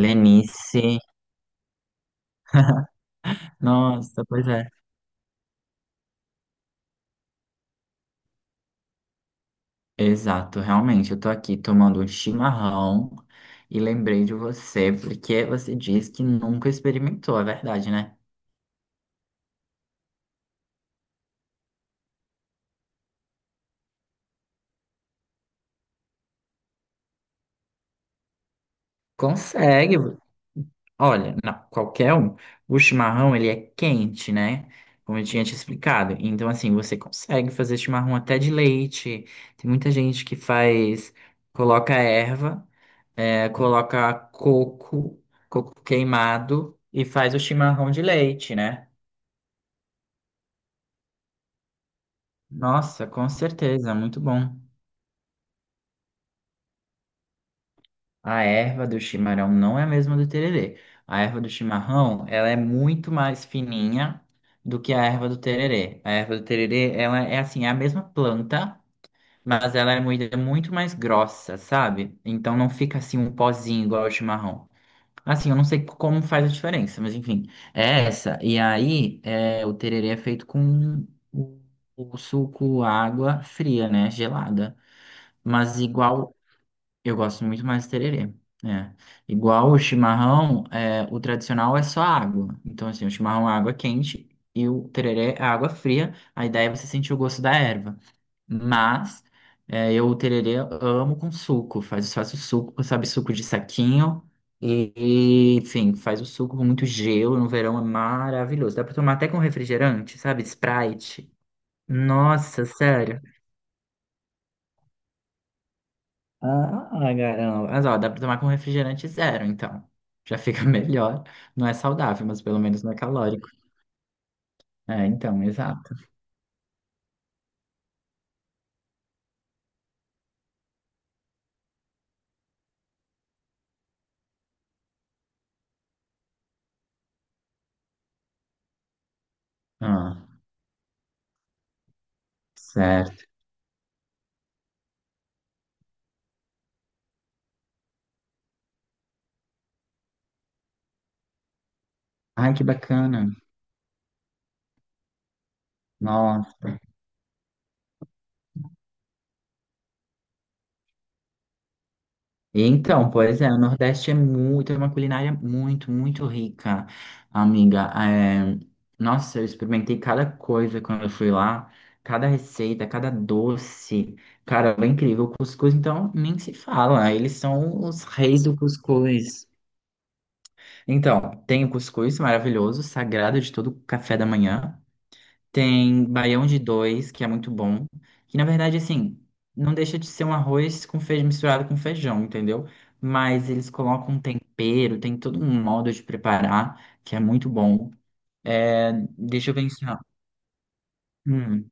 Lenice. Nossa, pois é. Exato, realmente. Eu tô aqui tomando um chimarrão e lembrei de você, porque você disse que nunca experimentou, é verdade, né? Consegue. Olha, não, qualquer um. O chimarrão, ele é quente, né? Como eu tinha te explicado. Então, assim, você consegue fazer chimarrão até de leite. Tem muita gente que faz, coloca erva, coloca coco, coco queimado e faz o chimarrão de leite, né? Nossa, com certeza, muito bom. A erva do chimarrão não é a mesma do tererê. A erva do chimarrão, ela é muito mais fininha do que a erva do tererê. A erva do tererê, ela é assim, é a mesma planta, mas ela é moída muito mais grossa, sabe? Então não fica assim um pozinho igual ao chimarrão. Assim, eu não sei como faz a diferença, mas enfim, é essa. E aí, o tererê é feito com o o suco, água fria, né? Gelada. Mas igual, eu gosto muito mais do tererê. É. Igual o chimarrão, o tradicional é só água. Então, assim, o chimarrão é água quente e o tererê é água fria. A ideia é você sentir o gosto da erva. Mas eu o tererê amo com suco. Faz o suco, sabe, suco de saquinho. Enfim, faz o suco com muito gelo. No verão é maravilhoso. Dá pra tomar até com refrigerante, sabe? Sprite. Nossa, sério. Ah, caramba. Mas ó, dá pra tomar com refrigerante zero, então. Já fica melhor. Não é saudável, mas pelo menos não é calórico. É, então, exato. Ah, certo. Ai, que bacana. Nossa. E então, pois é, o Nordeste é muito, é uma culinária muito, muito rica, amiga. É, nossa, eu experimentei cada coisa quando eu fui lá, cada receita, cada doce. Cara, é incrível. O cuscuz, então, nem se fala. Eles são os reis do cuscuz. Então, tem o cuscuz maravilhoso, sagrado de todo café da manhã. Tem baião de dois, que é muito bom. Que na verdade, assim, não deixa de ser um arroz com feijão misturado com feijão, entendeu? Mas eles colocam um tempero, tem todo um modo de preparar, que é muito bom. É, deixa eu pensar. Hum,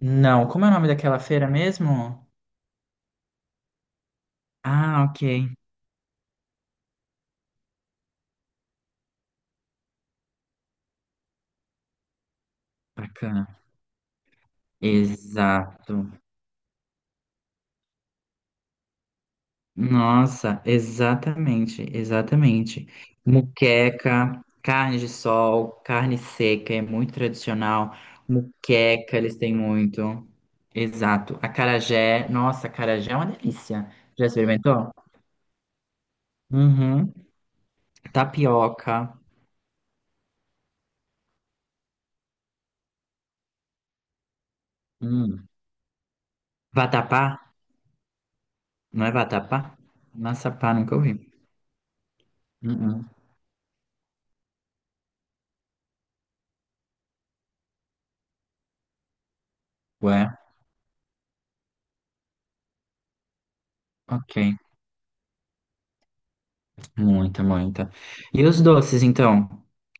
não, como é o nome daquela feira mesmo? Ah, ok. Bacana. Exato. Nossa, exatamente, exatamente. Muqueca, carne de sol, carne seca, é muito tradicional. Muqueca, eles têm muito. Exato. Acarajé, nossa, acarajé é uma delícia. Já experimentou? Uhum. Tapioca. Hum. Vatapá? Não é vatapá? Maçapá, nunca ouvi. Uhum. Ué, ok. Muita, muita. E os doces, então?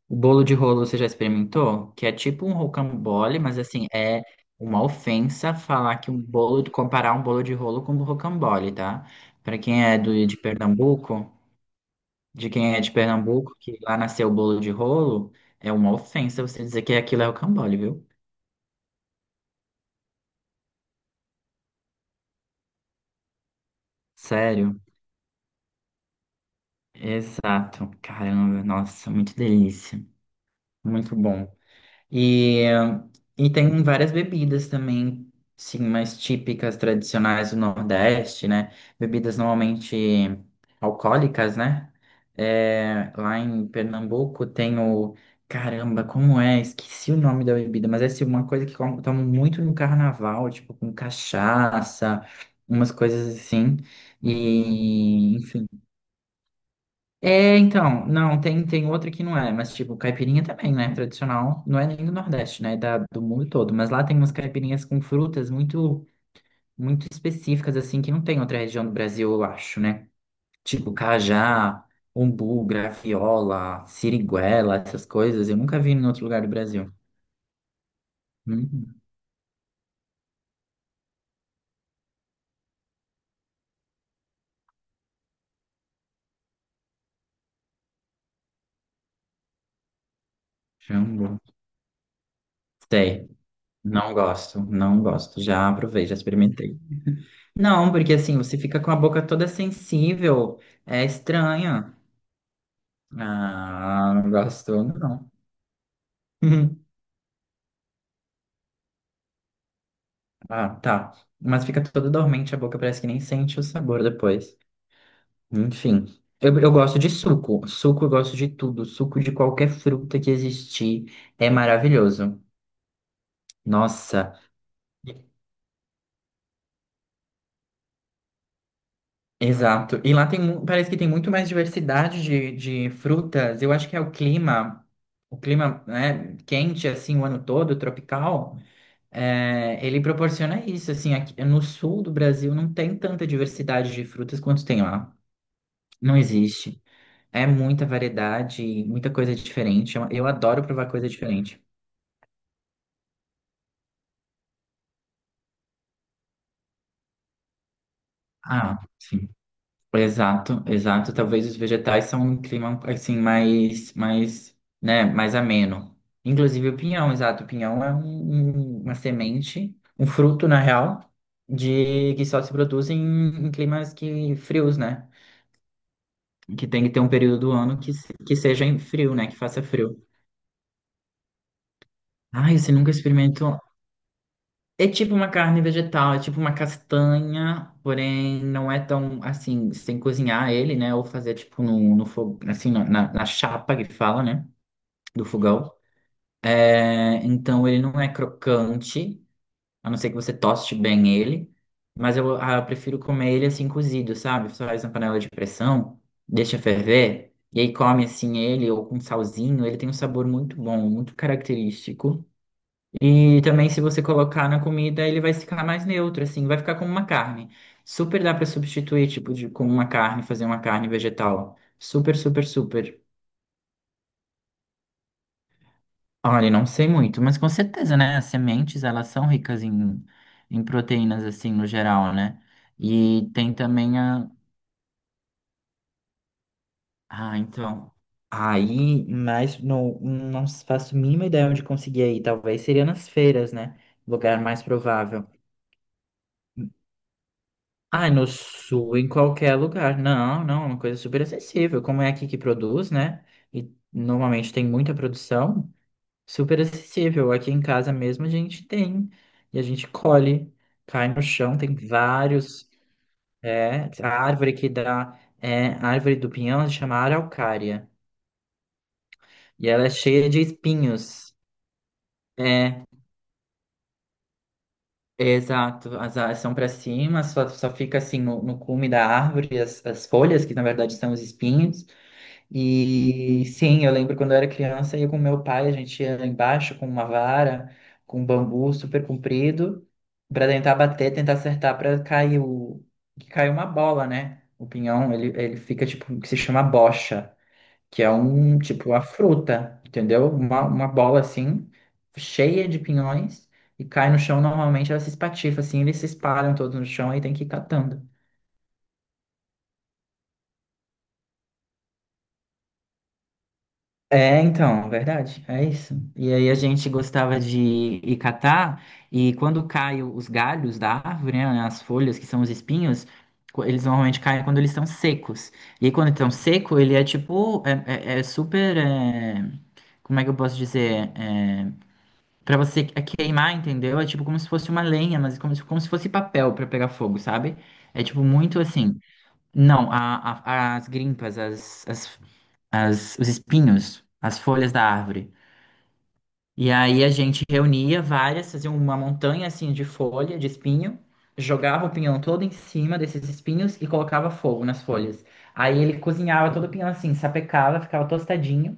O bolo de rolo você já experimentou? Que é tipo um rocambole, mas assim, é uma ofensa falar que um bolo, de- comparar um bolo de rolo com um rocambole, tá? Pra quem é do, de Pernambuco, de quem é de Pernambuco, que lá nasceu o bolo de rolo, é uma ofensa você dizer que aquilo é rocambole, viu? Sério? Exato. Caramba, nossa, muito delícia. Muito bom. E, e tem várias bebidas também, sim, mais típicas, tradicionais do Nordeste, né? Bebidas normalmente alcoólicas, né? É, lá em Pernambuco tem o... Caramba, como é? Esqueci o nome da bebida, mas é assim, uma coisa que com- tomam muito no carnaval, tipo com cachaça, umas coisas assim. E, enfim. É, então, não, tem, tem outra que não é, mas tipo, caipirinha também, né? Tradicional, não é nem do Nordeste, né? É da, do mundo todo. Mas lá tem umas caipirinhas com frutas muito, muito específicas, assim, que não tem em outra região do Brasil, eu acho, né? Tipo, cajá, umbu, graviola, siriguela, essas coisas, eu nunca vi em outro lugar do Brasil. Hum, jambu. Sei, não gosto, não gosto. Já provei, já experimentei. Não, porque assim, você fica com a boca toda sensível, é estranha. Ah, não gostou, não. Ah, tá. Mas fica toda dormente a boca, parece que nem sente o sabor depois. Enfim, eu gosto de suco. Suco eu gosto de tudo. Suco de qualquer fruta que existir é maravilhoso. Nossa, exato. E lá tem, mu- parece que tem muito mais diversidade de frutas. Eu acho que é o clima, né, quente assim o ano todo, tropical. É, ele proporciona isso, assim, aqui no sul do Brasil não tem tanta diversidade de frutas quanto tem lá. Não existe. É muita variedade, muita coisa diferente. Eu adoro provar coisa diferente. Ah, sim. Exato, exato. Talvez os vegetais são um clima assim mais, mais, né, mais ameno. Inclusive o pinhão, exato. O pinhão é um- um- uma semente, um fruto, na real, de que só se produz em, em climas que frios, né? Que tem que ter um período do ano que, se- que seja em frio, né? Que faça frio. Ai, você nunca experimentou. É tipo uma carne vegetal, é tipo uma castanha, porém não é tão assim, sem cozinhar ele, né? Ou fazer tipo no, no fogo, assim, na, na chapa que fala, né? Do fogão. É, então ele não é crocante, a não ser que você toste bem ele. Mas eu, ah, eu prefiro comer ele assim cozido, sabe? Você faz na panela de pressão, deixa ferver, e aí come assim ele ou com salzinho. Ele tem um sabor muito bom, muito característico. E também se você colocar na comida, ele vai ficar mais neutro, assim, vai ficar como uma carne. Super dá pra substituir, tipo, de, como uma carne, fazer uma carne vegetal. Super, super, super. Olha, não sei muito, mas com certeza, né? As sementes, elas são ricas em, em proteínas, assim, no geral, né? E tem também a... Ah, então... Aí, mas não, não faço a mínima ideia onde conseguir aí. Talvez seria nas feiras, né? Lugar mais provável. Ah, no sul, em qualquer lugar. Não, não, é uma coisa super acessível. Como é aqui que produz, né? E normalmente tem muita produção. Super acessível. Aqui em casa mesmo a gente tem. E a gente colhe, cai no chão, tem vários. É, a árvore que dá. É, a árvore do pinhão se chama araucária. E ela é cheia de espinhos. É, exato, as asas são para cima, só, só fica assim no, no cume da árvore as, as folhas, que na verdade são os espinhos. E sim, eu lembro quando eu era criança, eu com meu pai, a gente ia lá embaixo com uma vara, com um bambu super comprido, para tentar bater, tentar acertar para cair o que cai uma bola, né? O pinhão, ele fica tipo, que se chama bocha, que é um tipo a fruta, entendeu? Uma bola assim, cheia de pinhões, e cai no chão, normalmente ela se espatifa assim, eles se espalham todos no chão e tem que ir catando. É, então, verdade, é isso. E aí a gente gostava de ir catar, e quando caem os galhos da árvore, as folhas, que são os espinhos, co- eles normalmente caem quando eles estão secos. E aí quando estão seco, ele é tipo, é super, como é que eu posso dizer? É, pra você que- é queimar, entendeu? É tipo como se fosse uma lenha, mas como se fosse papel pra pegar fogo, sabe? É tipo muito assim. Não, as grimpas, os espinhos, as folhas da árvore. E aí a gente reunia várias, fazia uma montanha assim de folha, de espinho, jogava o pinhão todo em cima desses espinhos e colocava fogo nas folhas. Aí ele cozinhava todo o pinhão assim, sapecava, ficava tostadinho.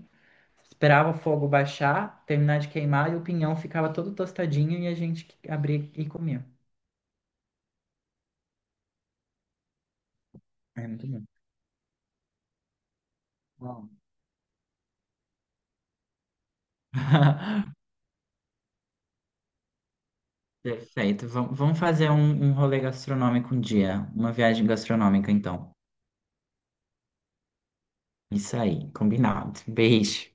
Esperava o fogo baixar, terminar de queimar e o pinhão ficava todo tostadinho e a gente abria e comia. É muito bom. Bom, perfeito. Vamos fazer um, um rolê gastronômico um dia. Uma viagem gastronômica, então. Isso aí, combinado. Beijo.